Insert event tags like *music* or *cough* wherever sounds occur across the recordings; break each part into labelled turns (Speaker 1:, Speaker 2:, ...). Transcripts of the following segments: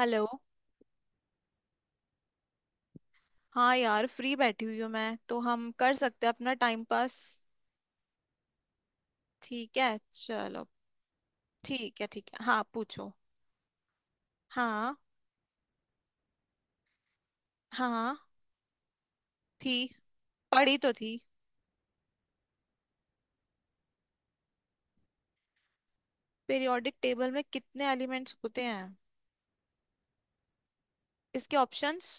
Speaker 1: Hello. हाँ यार, free बैठी हुई हूँ मैं तो, हम कर सकते हैं अपना टाइम पास। ठीक है। चलो ठीक है ठीक है, हाँ पूछो। हाँ, हाँ, थी। पढ़ी तो थी। पीरियोडिक टेबल में कितने एलिमेंट्स होते हैं? इसके ऑप्शंस?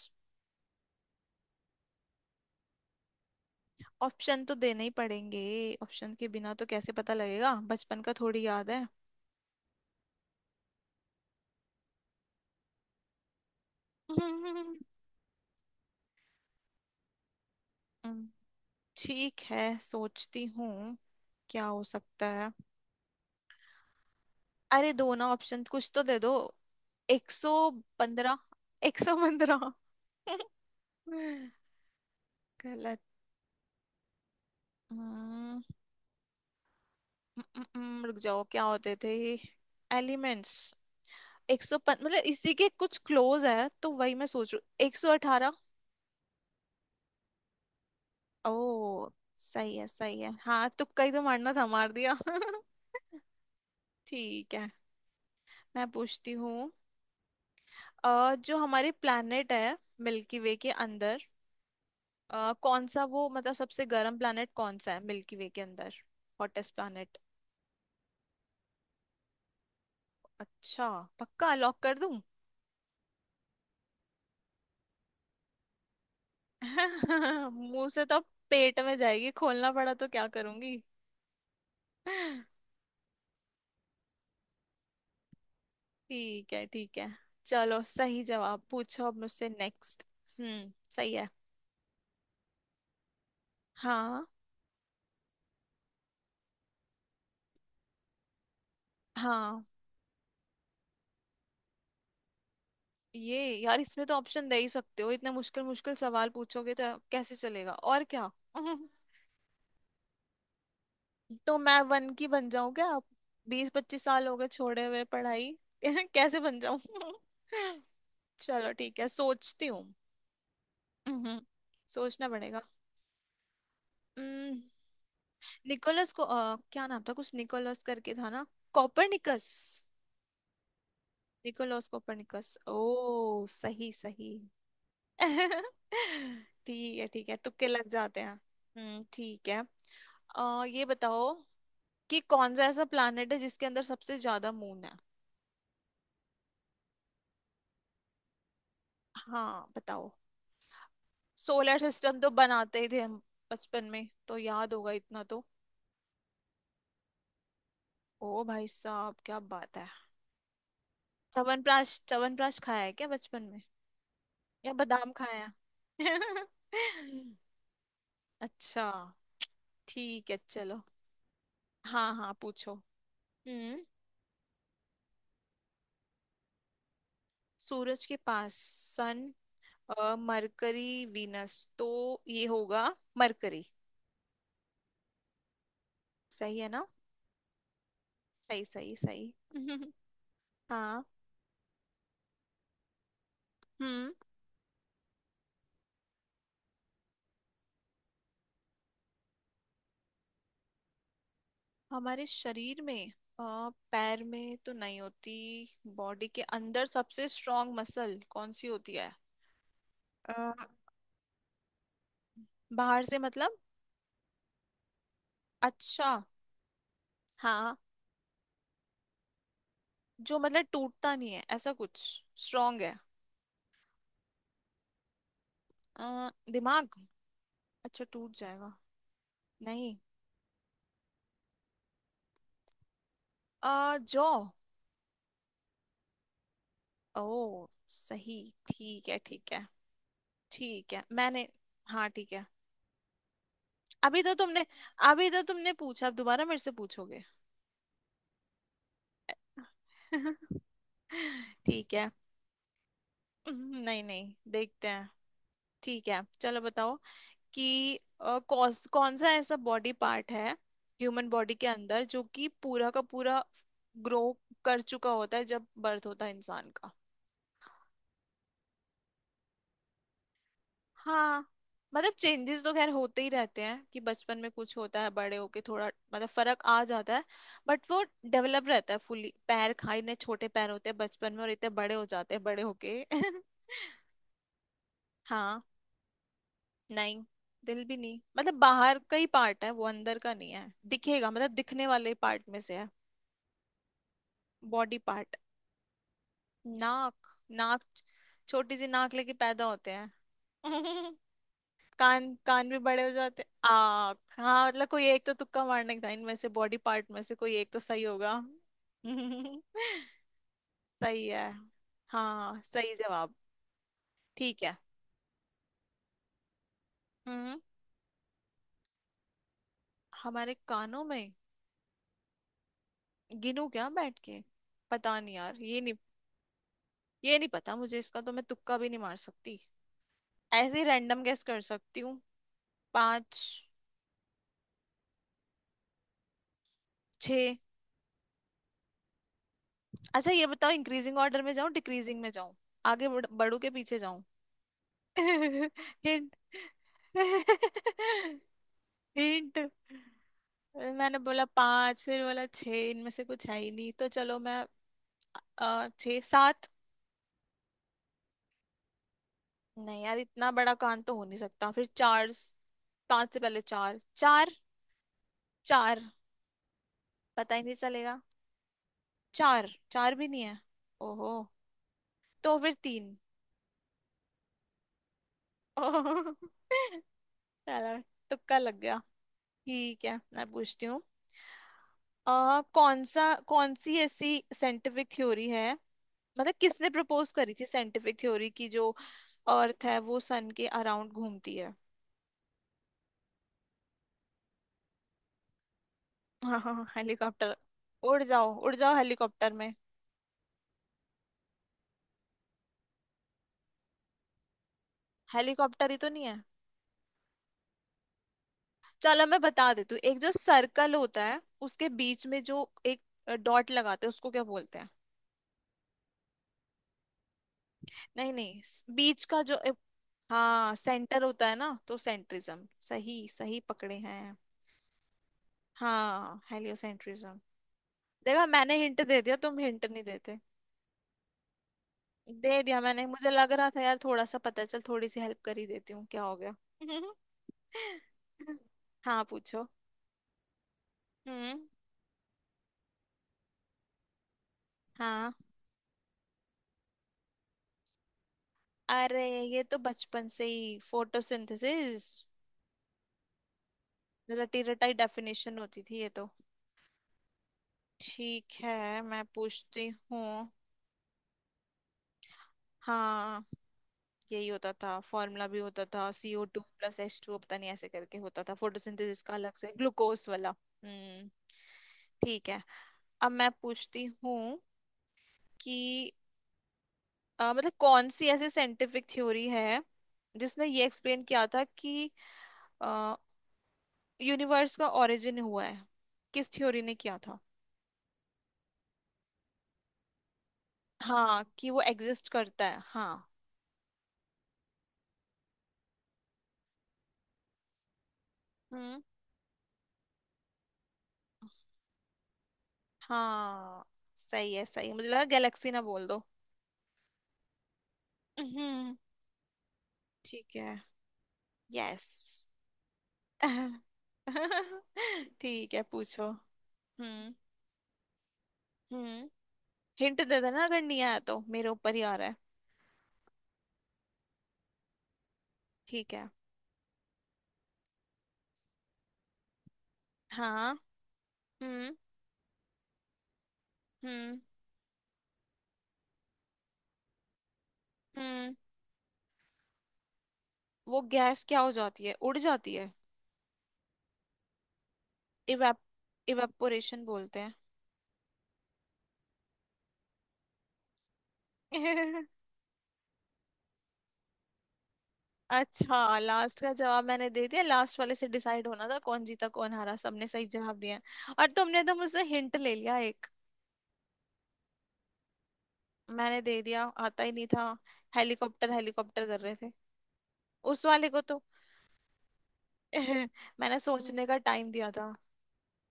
Speaker 1: ऑप्शन तो देने ही पड़ेंगे, ऑप्शन के बिना तो कैसे पता लगेगा, बचपन का थोड़ी याद है। *laughs* ठीक है, सोचती हूँ। क्या हो सकता है? अरे दो ना ऑप्शन, कुछ तो दे दो। 115। 115। *laughs* गलत। हम्म, रुक जाओ, क्या होते थे एलिमेंट्स? 100 मतलब इसी के कुछ क्लोज है तो वही मैं सोच रही हूँ। 118। ओ। सही है सही है, हाँ तुक्का ही तो मारना था, मार दिया। *laughs* ठीक है, मैं पूछती हूँ। जो हमारे प्लैनेट है मिल्की वे के अंदर, कौन सा वो मतलब सबसे गर्म planet कौन सा है मिल्की वे के अंदर? Hottest planet? अच्छा। पक्का लॉक कर दूं? *laughs* मुंह से तो पेट में जाएगी, खोलना पड़ा तो क्या करूंगी? *laughs* ठीक है ठीक है। चलो सही जवाब, पूछो अब मुझसे नेक्स्ट। हम्म, सही है। हाँ। हाँ। ये यार, इसमें तो ऑप्शन दे ही सकते हो, इतने मुश्किल मुश्किल सवाल पूछोगे तो कैसे चलेगा, और क्या? *laughs* तो मैं वन की बन जाऊं क्या? 20-25 साल हो गए छोड़े हुए पढ़ाई। *laughs* कैसे बन जाऊं? *laughs* चलो ठीक है, सोचती हूँ। हम्म, सोचना पड़ेगा। हम्म, निकोलस को, क्या नाम था, कुछ निकोलस करके था ना? कोपरनिकस। Nicolas Copernicus. ओ, सही सही। *laughs* ठीक है ठीक है, तुक्के लग जाते हैं। ठीक है। ये बताओ कि कौन सा ऐसा प्लैनेट है जिसके अंदर सबसे ज्यादा मून है? हाँ बताओ। सोलर सिस्टम तो बनाते ही थे हम, बचपन में तो याद होगा इतना तो। ओ भाई साहब, क्या बात है। च्यवनप्राश च्यवनप्राश खाया है क्या बचपन में? या बादाम खाया है? *laughs* अच्छा। ठीक है चलो। हाँ हाँ पूछो। हम्म। सूरज के पास। सन। मरकरी वीनस तो ये होगा, मरकरी। सही है ना? सही सही सही। *laughs* हाँ। हम्म। हमारे शरीर में, पैर में तो नहीं होती। बॉडी के अंदर सबसे स्ट्रांग मसल कौन सी होती है? अ, बाहर से मतलब? अच्छा, हाँ। जो मतलब टूटता नहीं है, ऐसा कुछ स्ट्रांग है। दिमाग। अच्छा टूट जाएगा। नहीं। जॉ। ओ, सही। ठीक है ठीक है। ठीक है मैंने, हाँ ठीक है। अभी तो तुमने अभी तो तुमने पूछा, अब दोबारा मेरे से पूछोगे? *laughs* ठीक है। नहीं नहीं, देखते हैं। ठीक है चलो बताओ, कि कौन सा ऐसा बॉडी पार्ट है ह्यूमन बॉडी के अंदर जो कि पूरा का पूरा ग्रो कर चुका होता है जब बर्थ होता है इंसान का? हाँ, मतलब चेंजेस तो खैर होते ही रहते हैं, कि बचपन में कुछ होता है, बड़े होके थोड़ा मतलब फर्क आ जाता है, बट वो डेवलप रहता है फुली। पैर, खाई इतने छोटे पैर होते हैं बचपन में और इतने बड़े हो जाते हैं बड़े होके। *laughs* हाँ। नहीं, दिल भी नहीं, मतलब बाहर का ही पार्ट है वो, अंदर का नहीं है, दिखेगा, मतलब दिखने वाले पार्ट में से है बॉडी पार्ट। नाक, नाक, छोटी सी नाक लेके पैदा होते हैं। *laughs* कान कान भी बड़े हो जाते हैं, आँख, हाँ मतलब कोई एक तो तुक्का मारने का, इनमें से बॉडी पार्ट में से कोई एक तो सही होगा। *laughs* सही है। हाँ सही जवाब। ठीक है। हम्म। हमारे कानों में? गिनू क्या बैठ के? पता नहीं यार, ये नहीं, ये नहीं पता मुझे इसका, तो मैं तुक्का भी नहीं मार सकती, ऐसे ही रैंडम गेस कर सकती हूँ। पाँच। छ। अच्छा ये बताओ, इंक्रीजिंग ऑर्डर में जाऊं, डिक्रीजिंग में जाऊं, आगे बढ़ू के पीछे जाऊं? *laughs* हिंट। हिंट। मैंने बोला पाँच, फिर बोला छ, इनमें से कुछ है ही नहीं, तो चलो मैं, छः सात। नहीं यार, इतना बड़ा कान तो हो नहीं सकता, फिर चार। पांच से पहले चार, 4। चार, पता ही नहीं चलेगा। चार चार भी नहीं है। ओहो। तो फिर 3। *laughs* ओहो, चलो तुक्का लग गया। ठीक है, मैं पूछती हूँ। कौन सा, कौन सी ऐसी साइंटिफिक थ्योरी है, मतलब किसने प्रपोज करी थी साइंटिफिक थ्योरी, की जो अर्थ है वो सन के अराउंड घूमती है? *laughs* हाँ हाँ, हेलीकॉप्टर। उड़ जाओ हेलीकॉप्टर में। हेलीकॉप्टर ही तो नहीं है। चलो मैं बता देती हूँ, एक जो सर्कल होता है उसके बीच में जो एक डॉट लगाते हैं, उसको क्या बोलते हैं? नहीं नहीं, बीच का जो हाँ, सेंटर होता है ना, तो सेंट्रिज्म, सही सही पकड़े हैं। हाँ, हेलियोसेंट्रिज्म। देखा, मैंने हिंट दे दिया, तुम हिंट नहीं देते। दे दिया मैंने, मुझे लग रहा था यार थोड़ा सा पता है, चल थोड़ी सी हेल्प कर ही देती हूँ, क्या हो गया। *laughs* हाँ पूछो। हम्म। हाँ। अरे ये तो बचपन से ही फोटोसिंथेसिस, रटी रटाई डेफिनेशन होती थी ये तो। ठीक है, मैं पूछती हूँ। हाँ, यही होता था, फॉर्मूला भी होता था, CO2 प्लस H2, पता नहीं ऐसे करके होता था फोटोसिंथेसिस का, अलग से ग्लूकोज वाला। हम्म ठीक है। अब मैं पूछती हूँ कि, मतलब कौन सी ऐसी साइंटिफिक थ्योरी है जिसने ये एक्सप्लेन किया था कि यूनिवर्स का ओरिजिन हुआ है, किस थ्योरी ने किया था? हाँ, कि वो एग्जिस्ट करता है, हाँ। हम्म। हाँ, सही है सही है, मुझे लगा गैलेक्सी ना बोल दो। हम्म ठीक है। यस। *laughs* ठीक है पूछो। हम्म। हम्म हिंट दे देना अगर नहीं आया, तो मेरे ऊपर ही आ रहा है। ठीक है। हाँ। हम्म। हम्म। हम्म। वो गैस क्या हो जाती है, उड़ जाती है? इवेप इवेपोरेशन बोलते हैं। *laughs* अच्छा, लास्ट का जवाब मैंने दे दिया, लास्ट वाले से डिसाइड होना था कौन जीता कौन हारा, सबने सही जवाब दिया है। और तुमने तो मुझसे हिंट ले लिया एक। मैंने दे दिया, आता ही नहीं था। हेलीकॉप्टर हेलीकॉप्टर कर रहे थे उस वाले को तो। *laughs* मैंने सोचने का टाइम दिया था।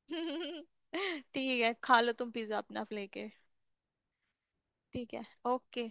Speaker 1: *laughs* ठीक है, खा लो तुम पिज्जा अपना लेके। ठीक है, ओके।